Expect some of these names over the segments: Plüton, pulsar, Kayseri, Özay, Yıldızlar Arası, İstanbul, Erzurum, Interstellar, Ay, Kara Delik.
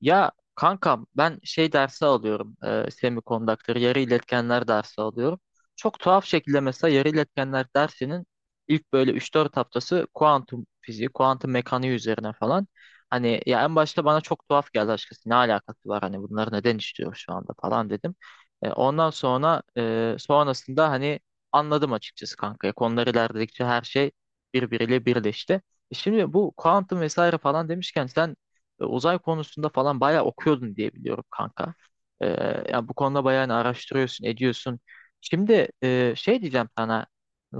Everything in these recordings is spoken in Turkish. Ya kankam ben şey dersi alıyorum. Semikondaktör, yarı iletkenler dersi alıyorum. Çok tuhaf şekilde mesela yarı iletkenler dersinin ilk böyle üç dört haftası kuantum fiziği, kuantum mekaniği üzerine falan. Hani ya en başta bana çok tuhaf geldi açıkçası. Ne alakası var hani bunları neden işliyoruz şu anda falan dedim. Ondan sonra sonrasında hani anladım açıkçası kanka. Konular ilerledikçe her şey birbiriyle birleşti. E şimdi bu kuantum vesaire falan demişken sen uzay konusunda falan bayağı okuyordun diye biliyorum kanka. E, Yani bu konuda bayağı hani araştırıyorsun, ediyorsun. Şimdi şey diyeceğim sana.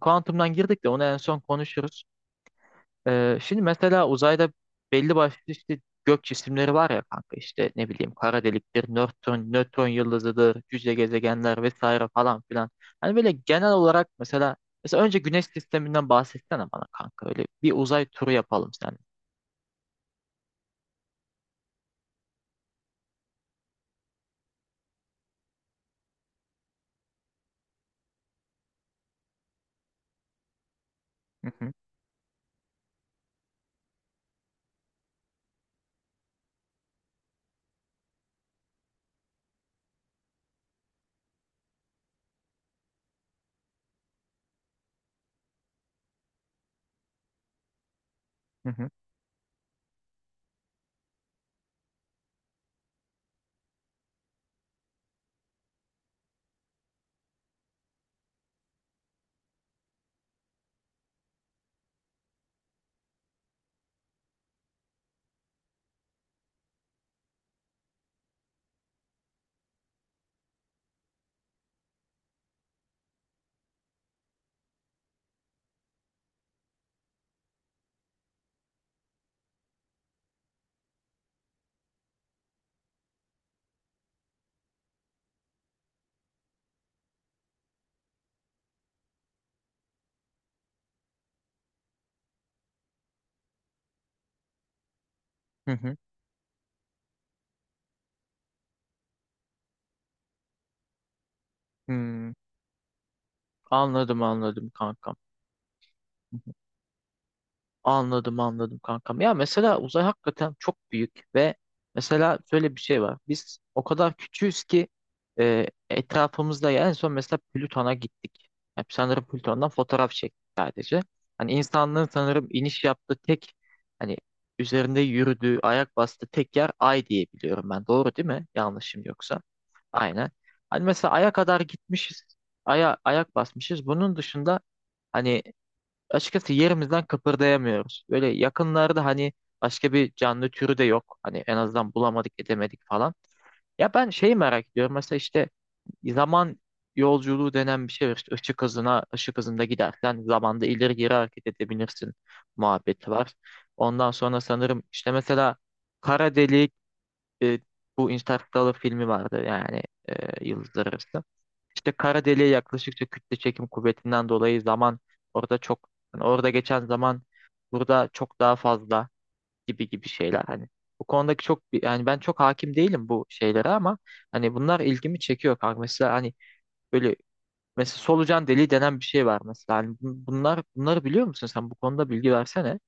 Kuantumdan girdik de onu en son konuşuruz. Şimdi mesela uzayda belli başlı işte gök cisimleri var ya kanka, işte ne bileyim, kara deliktir, nötron yıldızıdır, cüce gezegenler vesaire falan filan. Hani böyle genel olarak mesela önce güneş sisteminden bahsetsene bana kanka, öyle bir uzay turu yapalım sen. Hı hı, hı hı, hı hı. Hmm. Anladım anladım kankam. Anladım anladım kankam. Ya mesela uzay hakikaten çok büyük ve mesela şöyle bir şey var. Biz o kadar küçüğüz ki etrafımızda ya en son mesela Plüton'a gittik. Yani sanırım Plüton'dan fotoğraf çektik sadece. Hani insanlığın sanırım iniş yaptığı tek hani üzerinde yürüdüğü, ayak bastığı tek yer Ay diye biliyorum ben. Doğru değil mi? Yanlışım yoksa. Aynen. Hani mesela Ay'a kadar gitmişiz. Ay'a ayak basmışız. Bunun dışında hani açıkçası yerimizden kıpırdayamıyoruz. Böyle yakınlarda hani başka bir canlı türü de yok. Hani en azından bulamadık, edemedik falan. Ya ben şeyi merak ediyorum. Mesela işte zaman yolculuğu denen bir şey var. İşte ışık hızına, ışık hızında gidersen zamanda ileri geri hareket edebilirsin muhabbeti var. Ondan sonra sanırım işte mesela kara delik e, bu Interstellar filmi vardı yani Yıldızlar Arası. İşte kara deliğe yaklaştıkça kütle çekim kuvvetinden dolayı zaman orada çok, yani orada geçen zaman burada çok daha fazla gibi gibi şeyler hani bu konudaki yani ben çok hakim değilim bu şeylere ama hani bunlar ilgimi çekiyor kanka. Mesela hani böyle, mesela solucan deliği denen bir şey var mesela, hani bunları biliyor musun sen, bu konuda bilgi versene.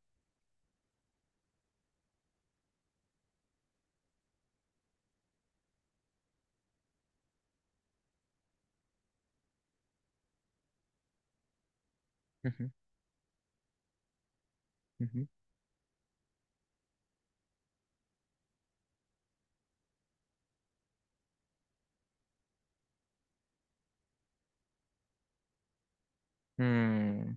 Hı hı, hı hı. Hmm.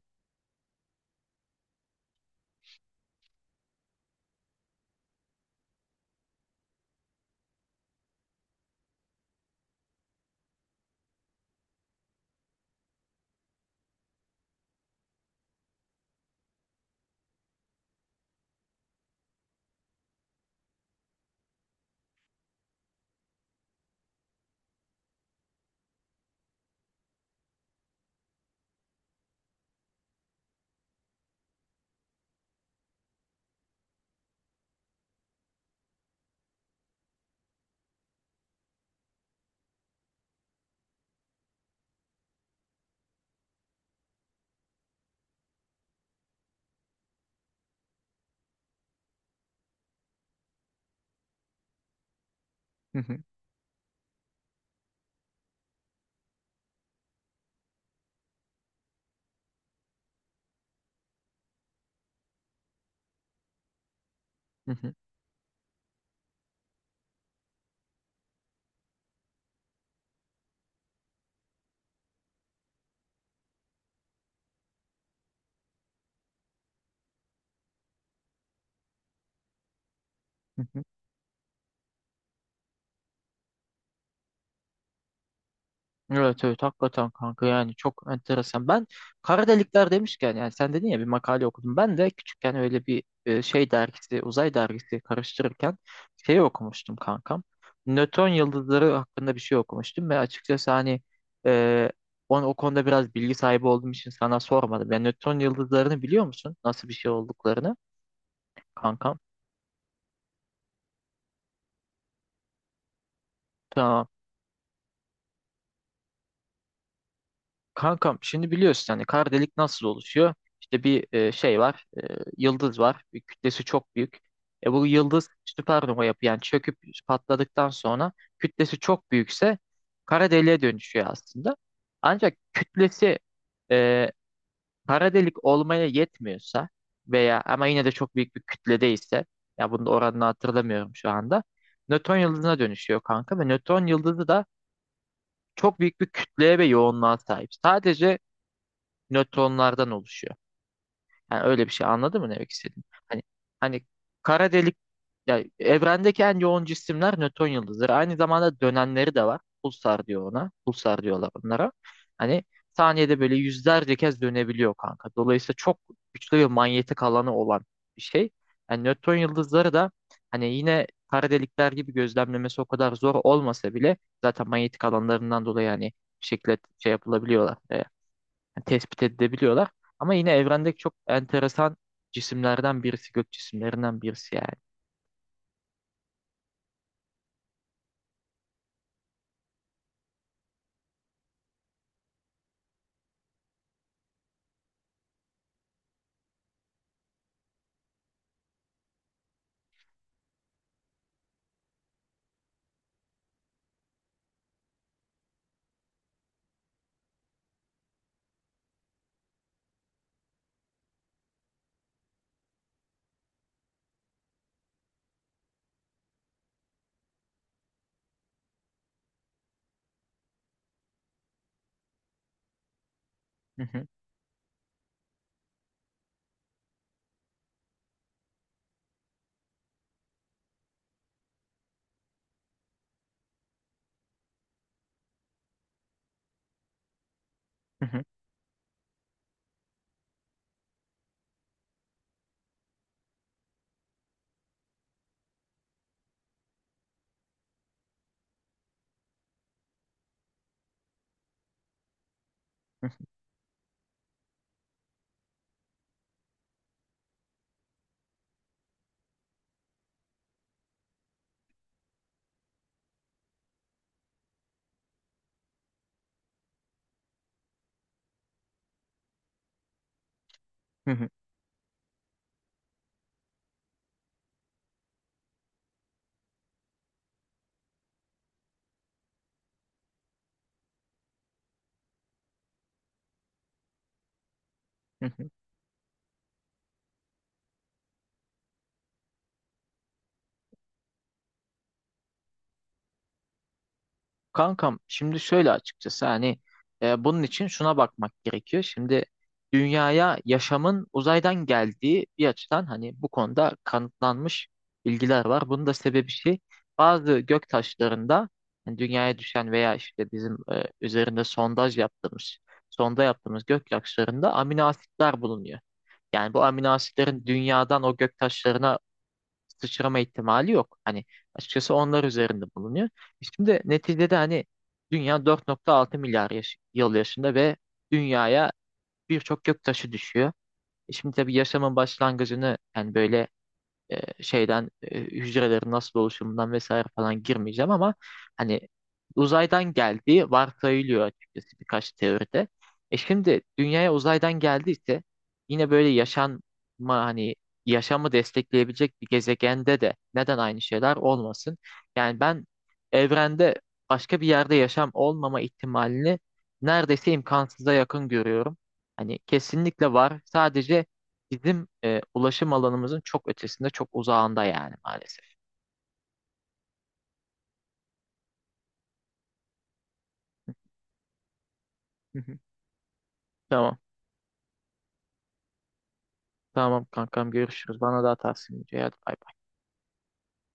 Hı hı, hı hı. Evet evet hakikaten kanka yani çok enteresan. Ben kara delikler demişken yani sen dedin ya bir makale okudum. Ben de küçükken öyle bir şey dergisi, uzay dergisi karıştırırken şey okumuştum kankam. Nöton yıldızları hakkında bir şey okumuştum ve açıkçası hani e, o konuda biraz bilgi sahibi olduğum için sana sormadım. Yani nöton yıldızlarını biliyor musun? Nasıl bir şey olduklarını kankam? Tamam. Kankam şimdi biliyorsun hani kara delik nasıl oluşuyor? İşte bir şey var, yıldız var. Bir kütlesi çok büyük. E bu yıldız süpernova yapı yani çöküp patladıktan sonra kütlesi çok büyükse kara deliğe dönüşüyor aslında. Ancak kütlesi e, kara delik olmaya yetmiyorsa veya ama yine de çok büyük bir kütledeyse, ya bunun oranını hatırlamıyorum şu anda. Nötron yıldızına dönüşüyor kanka ve nötron yıldızı da çok büyük bir kütleye ve yoğunluğa sahip. Sadece nötronlardan oluşuyor. Yani öyle bir şey, anladın mı ne demek istediğimi? Hani hani kara delik yani evrendeki en yoğun cisimler nötron yıldızları. Aynı zamanda dönenleri de var. Pulsar diyor ona. Pulsar diyorlar onlara. Hani saniyede böyle yüzlerce kez dönebiliyor kanka. Dolayısıyla çok güçlü bir manyetik alanı olan bir şey. Yani nötron yıldızları da hani yine kara delikler gibi gözlemlemesi o kadar zor olmasa bile zaten manyetik alanlarından dolayı hani bir şekilde şey yapılabiliyorlar. Yani tespit edebiliyorlar. Ama yine evrendeki çok enteresan cisimlerden birisi, gök cisimlerinden birisi yani. Hı hı, hı hı, hı hı, hı hı. Kankam şimdi şöyle açıkçası hani bunun için şuna bakmak gerekiyor. Şimdi dünyaya yaşamın uzaydan geldiği bir açıdan hani bu konuda kanıtlanmış bilgiler var. Bunun da sebebi şey, bazı gök taşlarında, hani dünyaya düşen veya işte bizim üzerinde sondaj yaptığımız, sonda yaptığımız gök taşlarında amino asitler bulunuyor. Yani bu amino asitlerin dünyadan o gök taşlarına sıçrama ihtimali yok. Hani açıkçası onlar üzerinde bulunuyor. E şimdi neticede hani dünya 4,6 milyar yıl yaşında ve dünyaya birçok gök taşı düşüyor. E şimdi tabii yaşamın başlangıcını yani böyle hücrelerin nasıl oluşumundan vesaire falan girmeyeceğim ama hani uzaydan geldiği varsayılıyor açıkçası birkaç teoride. E şimdi dünyaya uzaydan geldiyse yine böyle yaşanma hani yaşamı destekleyebilecek bir gezegende de neden aynı şeyler olmasın? Yani ben evrende başka bir yerde yaşam olmama ihtimalini neredeyse imkansıza yakın görüyorum. Hani kesinlikle var. Sadece bizim ulaşım alanımızın çok ötesinde, çok uzağında yani, maalesef. Hı hı. Tamam. Tamam kankam, görüşürüz. Bana daha tavsiye edeceğim. Hadi bay bay.